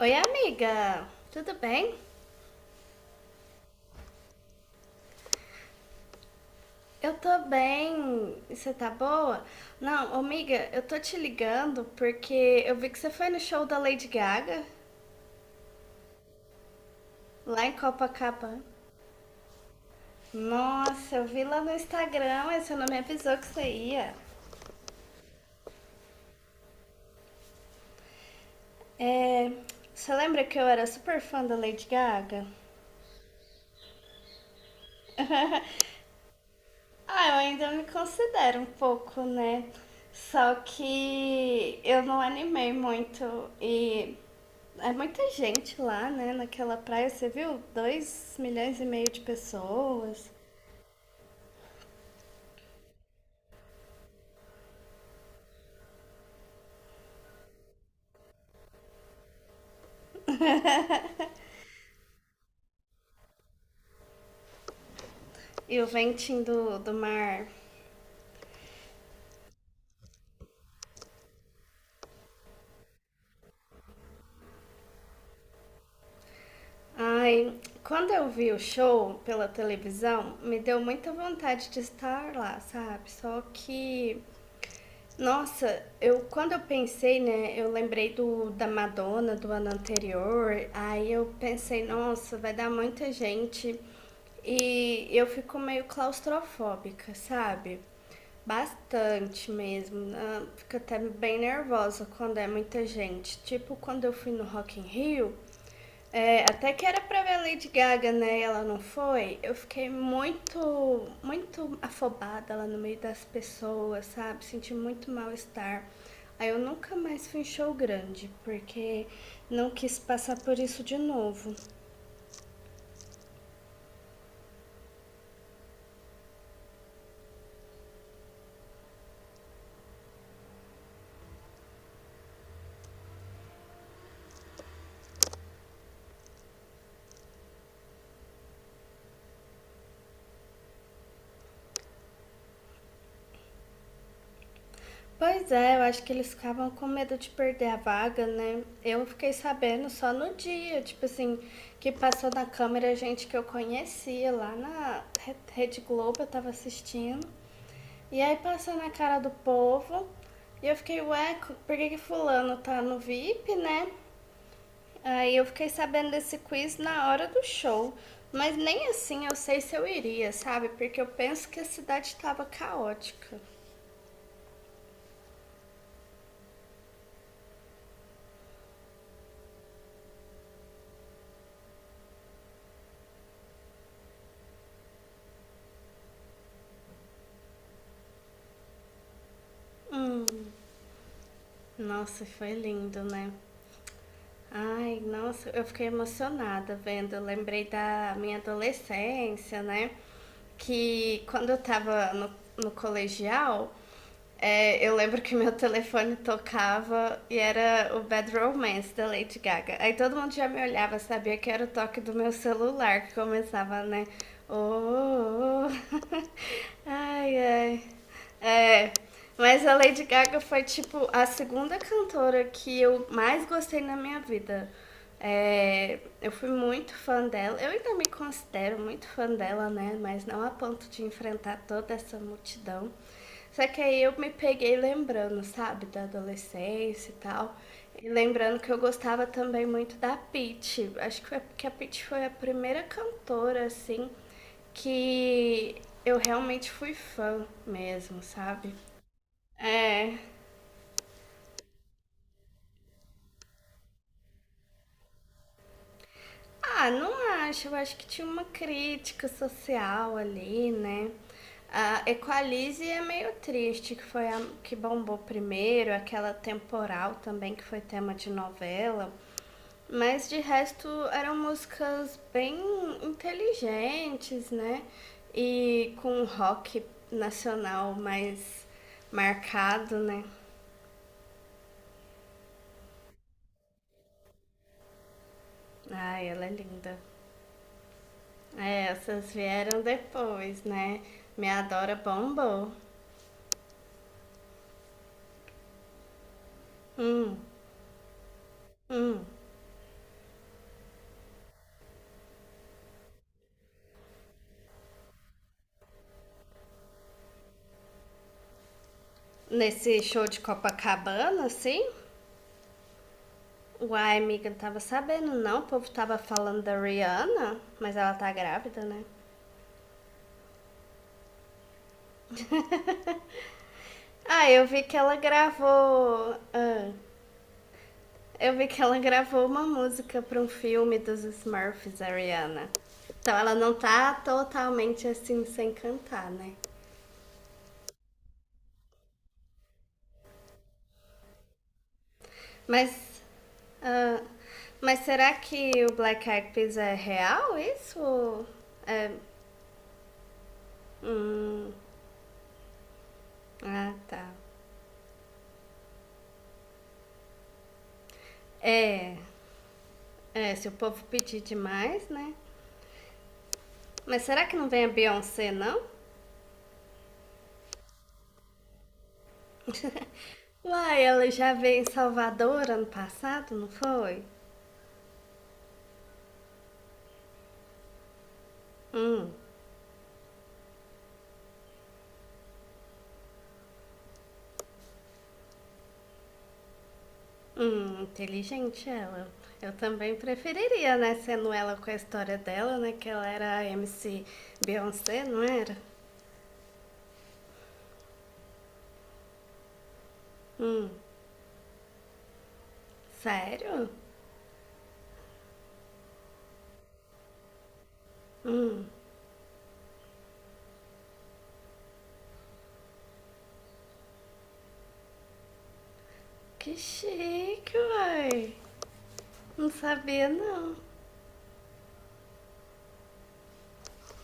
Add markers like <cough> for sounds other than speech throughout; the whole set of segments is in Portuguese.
Oi, amiga. Tudo bem? Eu tô bem. E você tá boa? Não, amiga, eu tô te ligando porque eu vi que você foi no show da Lady Gaga lá em Copacabana. Nossa, eu vi lá no Instagram, mas você não me avisou que você ia. É, você lembra que eu era super fã da Lady Gaga? Ah, eu ainda me considero um pouco, né? Só que eu não animei muito e é muita gente lá, né? Naquela praia, você viu? 2,5 milhões de pessoas e o ventinho do mar. Ai, quando eu vi o show pela televisão, me deu muita vontade de estar lá, sabe? Só que nossa, eu quando eu pensei, né, eu lembrei do da Madonna do ano anterior, aí eu pensei, nossa, vai dar muita gente e eu fico meio claustrofóbica, sabe? Bastante mesmo. Fico até bem nervosa quando é muita gente. Tipo, quando eu fui no Rock in Rio, é, até que era pra ver a Lady Gaga, né? E ela não foi. Eu fiquei muito, muito afobada lá no meio das pessoas, sabe? Senti muito mal-estar. Aí eu nunca mais fui em show grande, porque não quis passar por isso de novo. Pois é, eu acho que eles ficavam com medo de perder a vaga, né? Eu fiquei sabendo só no dia, tipo assim, que passou na câmera gente que eu conhecia lá na Rede Globo, eu tava assistindo. E aí passou na cara do povo e eu fiquei, ué, por que, que fulano tá no VIP, né? Aí eu fiquei sabendo desse quiz na hora do show. Mas nem assim eu sei se eu iria, sabe? Porque eu penso que a cidade tava caótica. Hum, nossa, foi lindo, né? Ai, nossa, eu fiquei emocionada vendo. Eu lembrei da minha adolescência, né? Que quando eu tava no colegial, eu lembro que meu telefone tocava e era o Bad Romance da Lady Gaga. Aí todo mundo já me olhava, sabia que era o toque do meu celular que começava, né? Oh, oh, oh. <laughs> Ai, ai. É, mas a Lady Gaga foi, tipo, a segunda cantora que eu mais gostei na minha vida. É, eu fui muito fã dela. Eu ainda me considero muito fã dela, né? Mas não a ponto de enfrentar toda essa multidão. Só que aí eu me peguei lembrando, sabe, da adolescência e tal. E lembrando que eu gostava também muito da Pitty. Acho que foi porque a Pitty foi a primeira cantora, assim, que eu realmente fui fã mesmo, sabe? É. Ah, não acho. Eu acho que tinha uma crítica social ali, né? A Equalize é meio triste, que foi a que bombou primeiro, aquela temporal também, que foi tema de novela. Mas de resto eram músicas bem inteligentes, né? E com um rock nacional mais marcado, né? Ai, ela é linda. É, essas vieram depois, né? Me adora bombou. Hum, hum. Nesse show de Copacabana, assim? Uai, amiga, não tava sabendo não. O povo tava falando da Rihanna, mas ela tá grávida, né? Ah, eu vi que ela gravou. Eu vi que ela gravou uma música pra um filme dos Smurfs, a Rihanna. Então ela não tá totalmente assim sem cantar, né? Mas. ah, mas será que o Black Eyed Peas é real isso? É. Hum, ah, tá. É. É, se o povo pedir demais, né? Mas será que não vem a Beyoncé, não? Uai, ela já veio em Salvador ano passado, não foi? Hum, inteligente ela. Eu também preferiria, né? Sendo ela com a história dela, né? Que ela era a MC Beyoncé, não era? Hum, sério? Hum, Que chique, uai. Não sabia, não.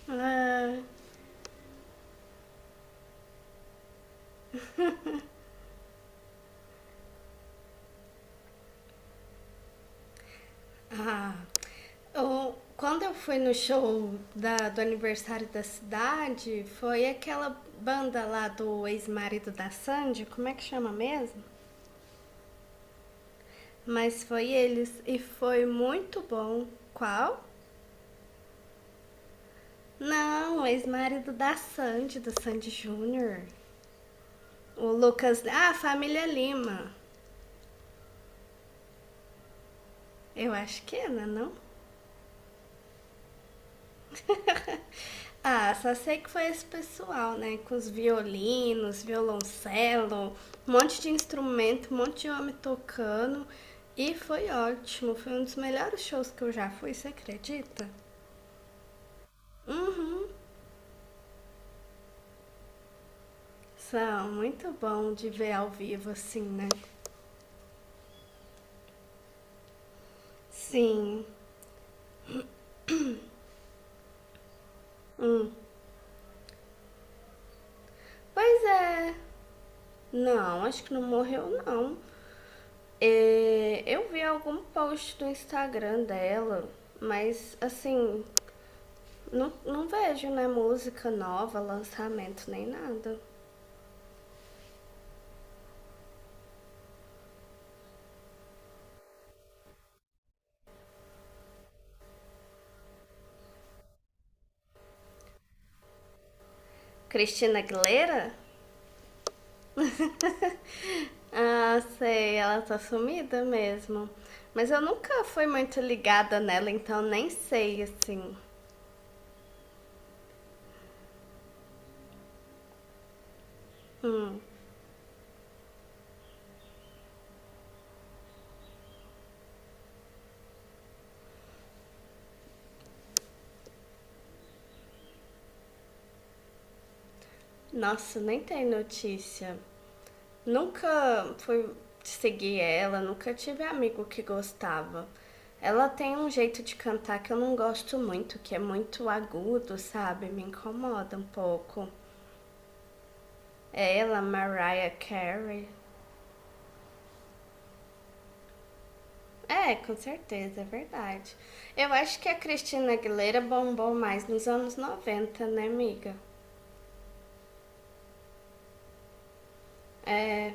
Ah, ah, quando eu fui no show do aniversário da cidade, foi aquela banda lá do ex-marido da Sandy, como é que chama mesmo? Mas foi eles e foi muito bom. Qual? Não, o ex-marido da Sandy, do Sandy Júnior. O Lucas. Ah, a família Lima. Eu acho que é, né, não? Ah, só sei que foi esse pessoal, né? Com os violinos, violoncelo, um monte de instrumento, um monte de homem tocando. E foi ótimo, foi um dos melhores shows que eu já fui, você acredita? Uhum, são muito bom de ver ao vivo assim, né? Sim, hum. Pois é. Não, acho que não morreu não. É, eu vi algum post do Instagram dela, mas assim, não, não vejo, né? Música nova, lançamento, nem nada. Cristina Aguilera? Ah, sei, ela tá sumida mesmo. Mas eu nunca fui muito ligada nela, então nem sei, assim. Hum, nossa, nem tem notícia. Nunca fui seguir ela, nunca tive amigo que gostava. Ela tem um jeito de cantar que eu não gosto muito, que é muito agudo, sabe? Me incomoda um pouco. É ela, Mariah Carey. É, com certeza, é verdade. Eu acho que a Cristina Aguilera bombou mais nos anos 90, né, amiga? É,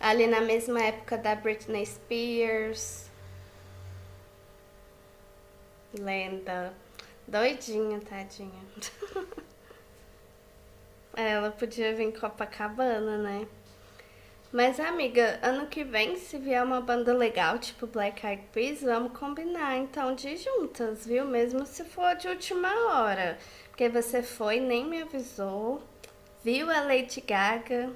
ali na mesma época da Britney Spears, lenda. Doidinha, tadinha. <laughs> Ela podia vir em Copacabana, né? Mas, amiga, ano que vem, se vier uma banda legal, tipo Black Eyed Peas, vamos combinar então de ir juntas, viu? Mesmo se for de última hora. Porque você foi, nem me avisou. Viu a Lady Gaga?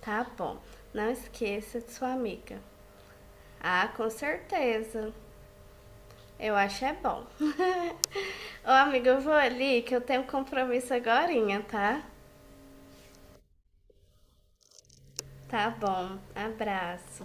Tá bom. Não esqueça de sua amiga. Ah, com certeza. Eu acho é bom. <laughs> Ô, amiga, eu vou ali que eu tenho um compromisso agorinha, tá? Tá bom. Abraço.